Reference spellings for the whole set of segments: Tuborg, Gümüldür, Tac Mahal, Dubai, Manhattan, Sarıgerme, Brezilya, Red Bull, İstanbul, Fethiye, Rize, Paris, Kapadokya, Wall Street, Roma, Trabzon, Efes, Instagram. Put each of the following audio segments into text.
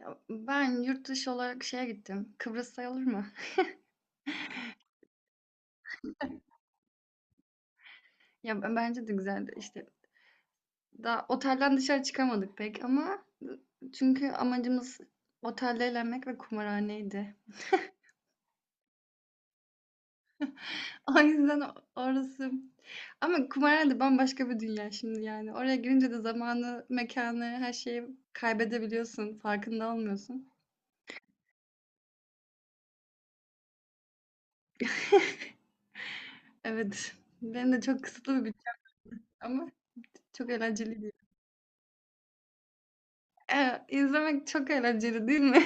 Ya, ben yurt dışı olarak gittim. Kıbrıs sayılır mı? Ya bence de güzeldi. İşte daha otelden dışarı çıkamadık pek ama çünkü amacımız otelde eğlenmek ve kumarhaneydi. O yüzden orası. Ama kumarhane de bambaşka bir dünya şimdi yani. Oraya girince de zamanı, mekanı, her şeyi kaybedebiliyorsun. Farkında olmuyorsun. Evet. Benim de çok kısıtlı bir bütçem ama çok eğlenceliydi. Evet, izlemek çok eğlenceli değil mi?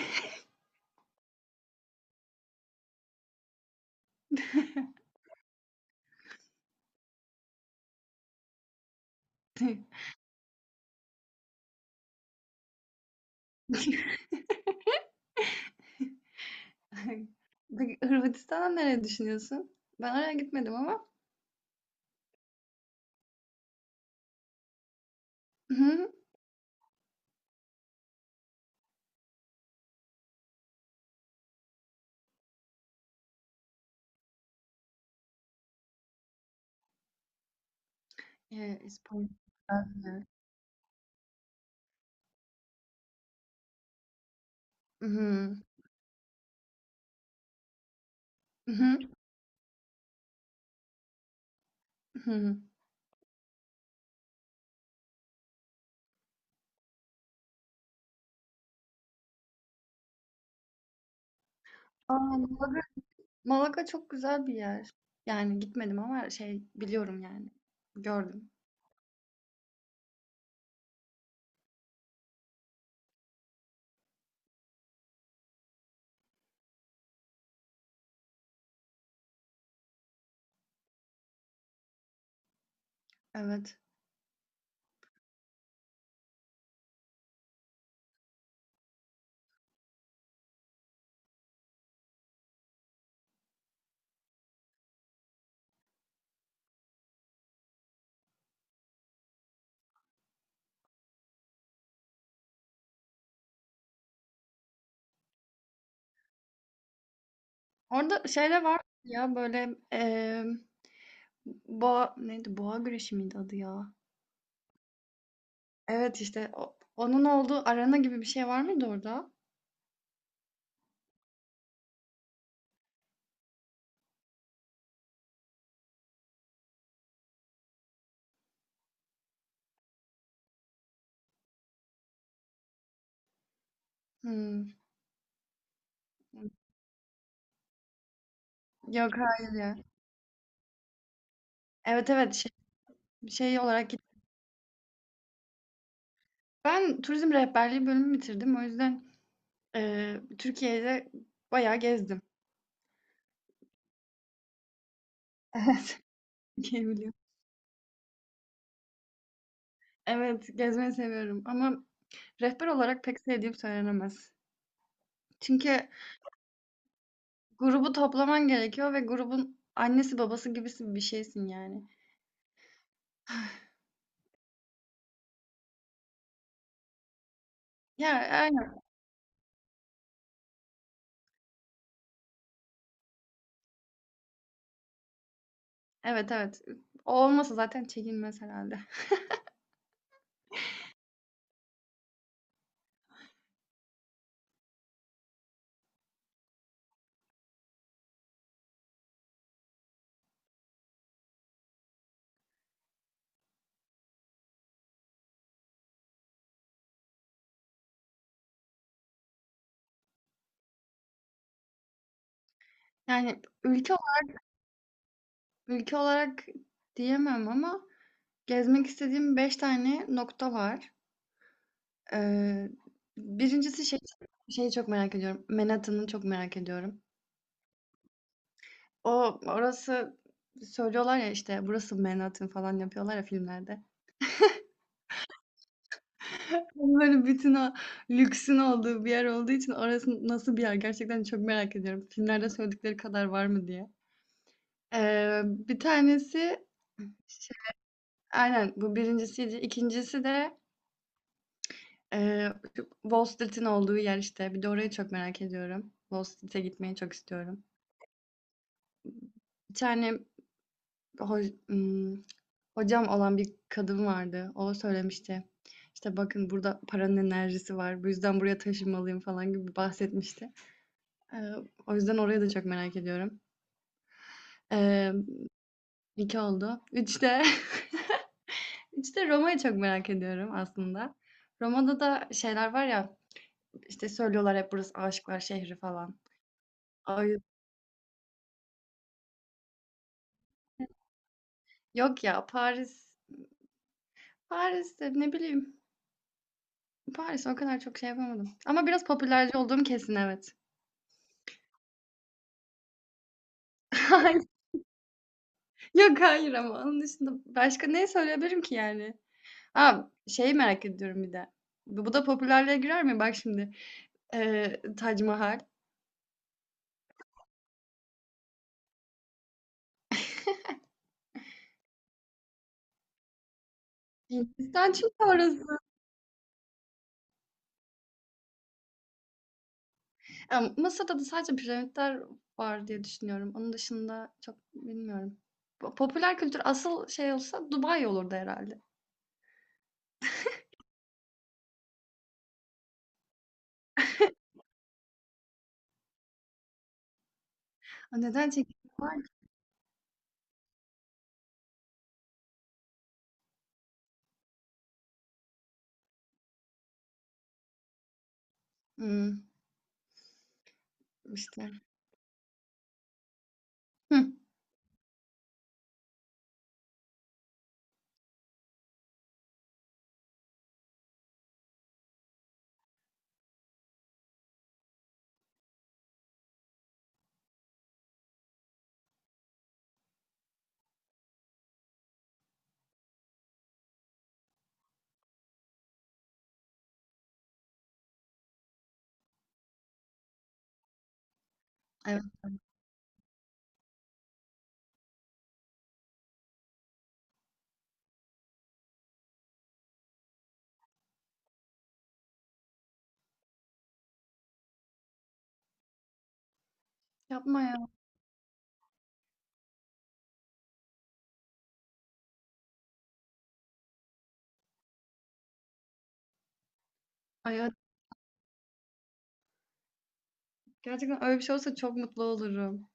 Peki Hırvatistan'a nereye düşünüyorsun? Ben oraya gitmedim ama. Hı hı. İspanya. Hı hı. Hı hı. Hı hı. Aa, Malaga, Malaga çok güzel bir yer. Yani gitmedim ama şey biliyorum yani. Gördüm. Evet. Orada şeyler var ya böyle boğa neydi? Boğa güreşi miydi adı ya? Evet işte onun olduğu arena gibi bir şey var mıydı orada? Hmm. Yok hayır ya. Evet evet şey, şey olarak ben turizm rehberliği bölümü bitirdim. O yüzden, Türkiye'de bayağı gezdim. Evet, Türkiye'yi biliyorum. Evet, gezmeyi seviyorum ama rehber olarak pek sevdiğim söylenemez. Çünkü grubu toplaman gerekiyor ve grubun annesi babası gibisi bir şeysin yani. Ya, aynen. Evet, evet. O olmasa zaten çekilmez herhâlde. Yani ülke olarak diyemem ama gezmek istediğim 5 tane nokta var. Eee, birincisi şeyi çok merak ediyorum. Manhattan'ı çok merak ediyorum. O orası söylüyorlar ya, işte, "Burası Manhattan." falan yapıyorlar ya filmlerde. Tam böyle bütün o lüksün olduğu bir yer olduğu için orası nasıl bir yer gerçekten çok merak ediyorum. Filmlerde söyledikleri kadar var mı diye. Bir tanesi şey. Aynen, bu birincisiydi. 2'ncisi de, şu Wall Street'in olduğu yer, işte. Bir de orayı çok merak ediyorum. Wall Street'e gitmeyi çok istiyorum. Bir tane ho- ım, hocam olan bir kadın vardı. O söylemişti. İşte bakın burada paranın enerjisi var. Bu yüzden buraya taşınmalıyım falan gibi bahsetmişti. Ee, o yüzden orayı da çok merak ediyorum. Ee, iki oldu. Üçte, üçte Roma'yı çok merak ediyorum aslında. Roma'da da şeyler var ya işte söylüyorlar hep burası aşıklar şehri falan. Ay, yok ya Paris. Paris'te ne bileyim. Paris o kadar çok şey yapamadım. Ama biraz popülerci olduğum kesin evet. Yok, hayır ama onun dışında başka ne söyleyebilirim ki yani? A, şeyi merak ediyorum bir de. Bu da popülerliğe girer mi? Bak şimdi, Tac Mahal. Hindistan çünkü orası. Ya, Mısır'da da sadece piramitler var diye düşünüyorum. Onun dışında çok bilmiyorum. Popüler kültür asıl şey olsa Dubai olurdu herhalde. A, neden çekindim var işte. Hıh. Evet. Yapma ya. Ay, gerçekten öyle bir şey olsa çok mutlu olurum.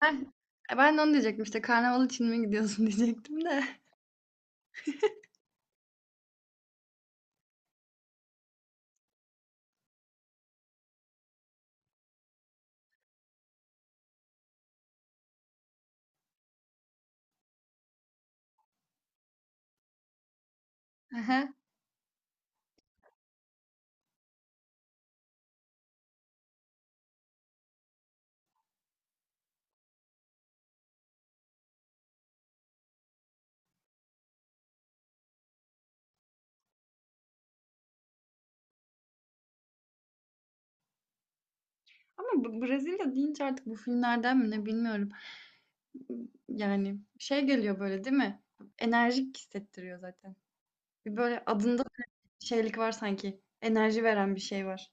Heh, ben de onu diyecektim işte, karnaval için mi gidiyorsun diyecektim de. Hı. Ama Brezilya deyince artık bu filmlerden mi ne bilmiyorum. Yani şey geliyor böyle değil mi? Enerjik hissettiriyor zaten. Bir böyle adında da bir şeylik var sanki. Enerji veren bir şey var.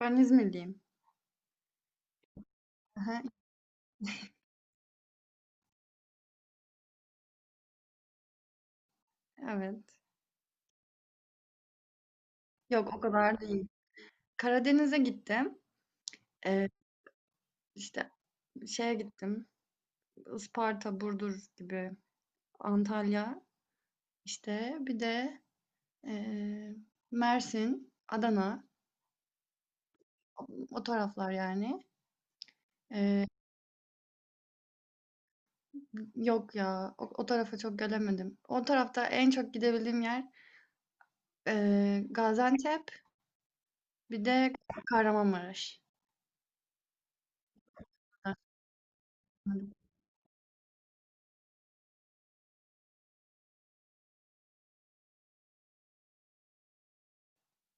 Ben İzmirliyim. Hı. Evet. Yok o kadar değil. Karadeniz'e gittim. Ee, işte gittim. Isparta, Burdur gibi. Antalya. İşte bir de Eee, Mersin, Adana, o taraflar yani. Eee, yok ya, o tarafa çok gelemedim. O tarafta en çok gidebildiğim yer Gaziantep, bir de Kahramanmaraş.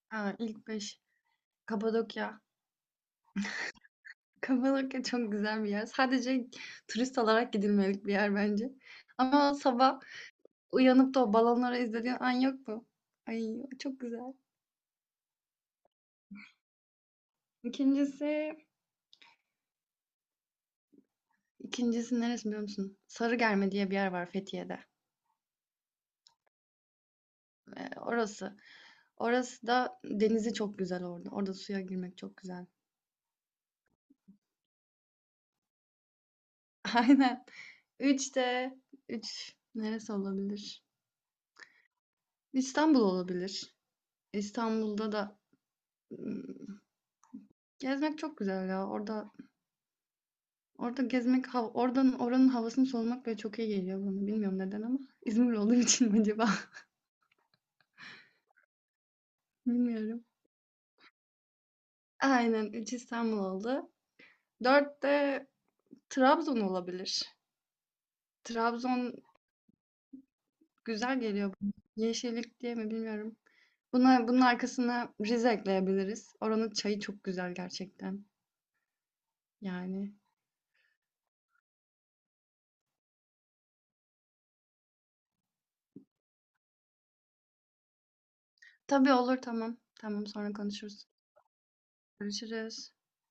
Ha, ilk beş. Kapadokya. Kapadokya çok güzel bir yer. Sadece turist olarak gidilmelik bir yer bence. Ama sabah uyanıp da o balonları izlediğin an yok mu? Ay çok güzel. İkincisi. İkincisi neresi biliyor musun? Sarıgerme diye bir yer var Fethiye'de. Orası. Orası da denizi çok güzel orada. Orada suya girmek çok güzel. Aynen. Üç de üç neresi olabilir? İstanbul olabilir. İstanbul'da da ım, gezmek çok güzel ya. Orada gezmek oradan oranın havasını solumak böyle çok iyi geliyor bana. Bilmiyorum neden ama İzmir olduğu için mi acaba? Bilmiyorum. Aynen 3 İstanbul oldu. Dört de Trabzon olabilir. Trabzon güzel geliyor bana. Yeşillik diye mi bilmiyorum. Buna, bunun arkasına Rize ekleyebiliriz. Oranın çayı çok güzel gerçekten. Yani. Tabii olur tamam. Tamam sonra konuşuruz. Görüşürüz.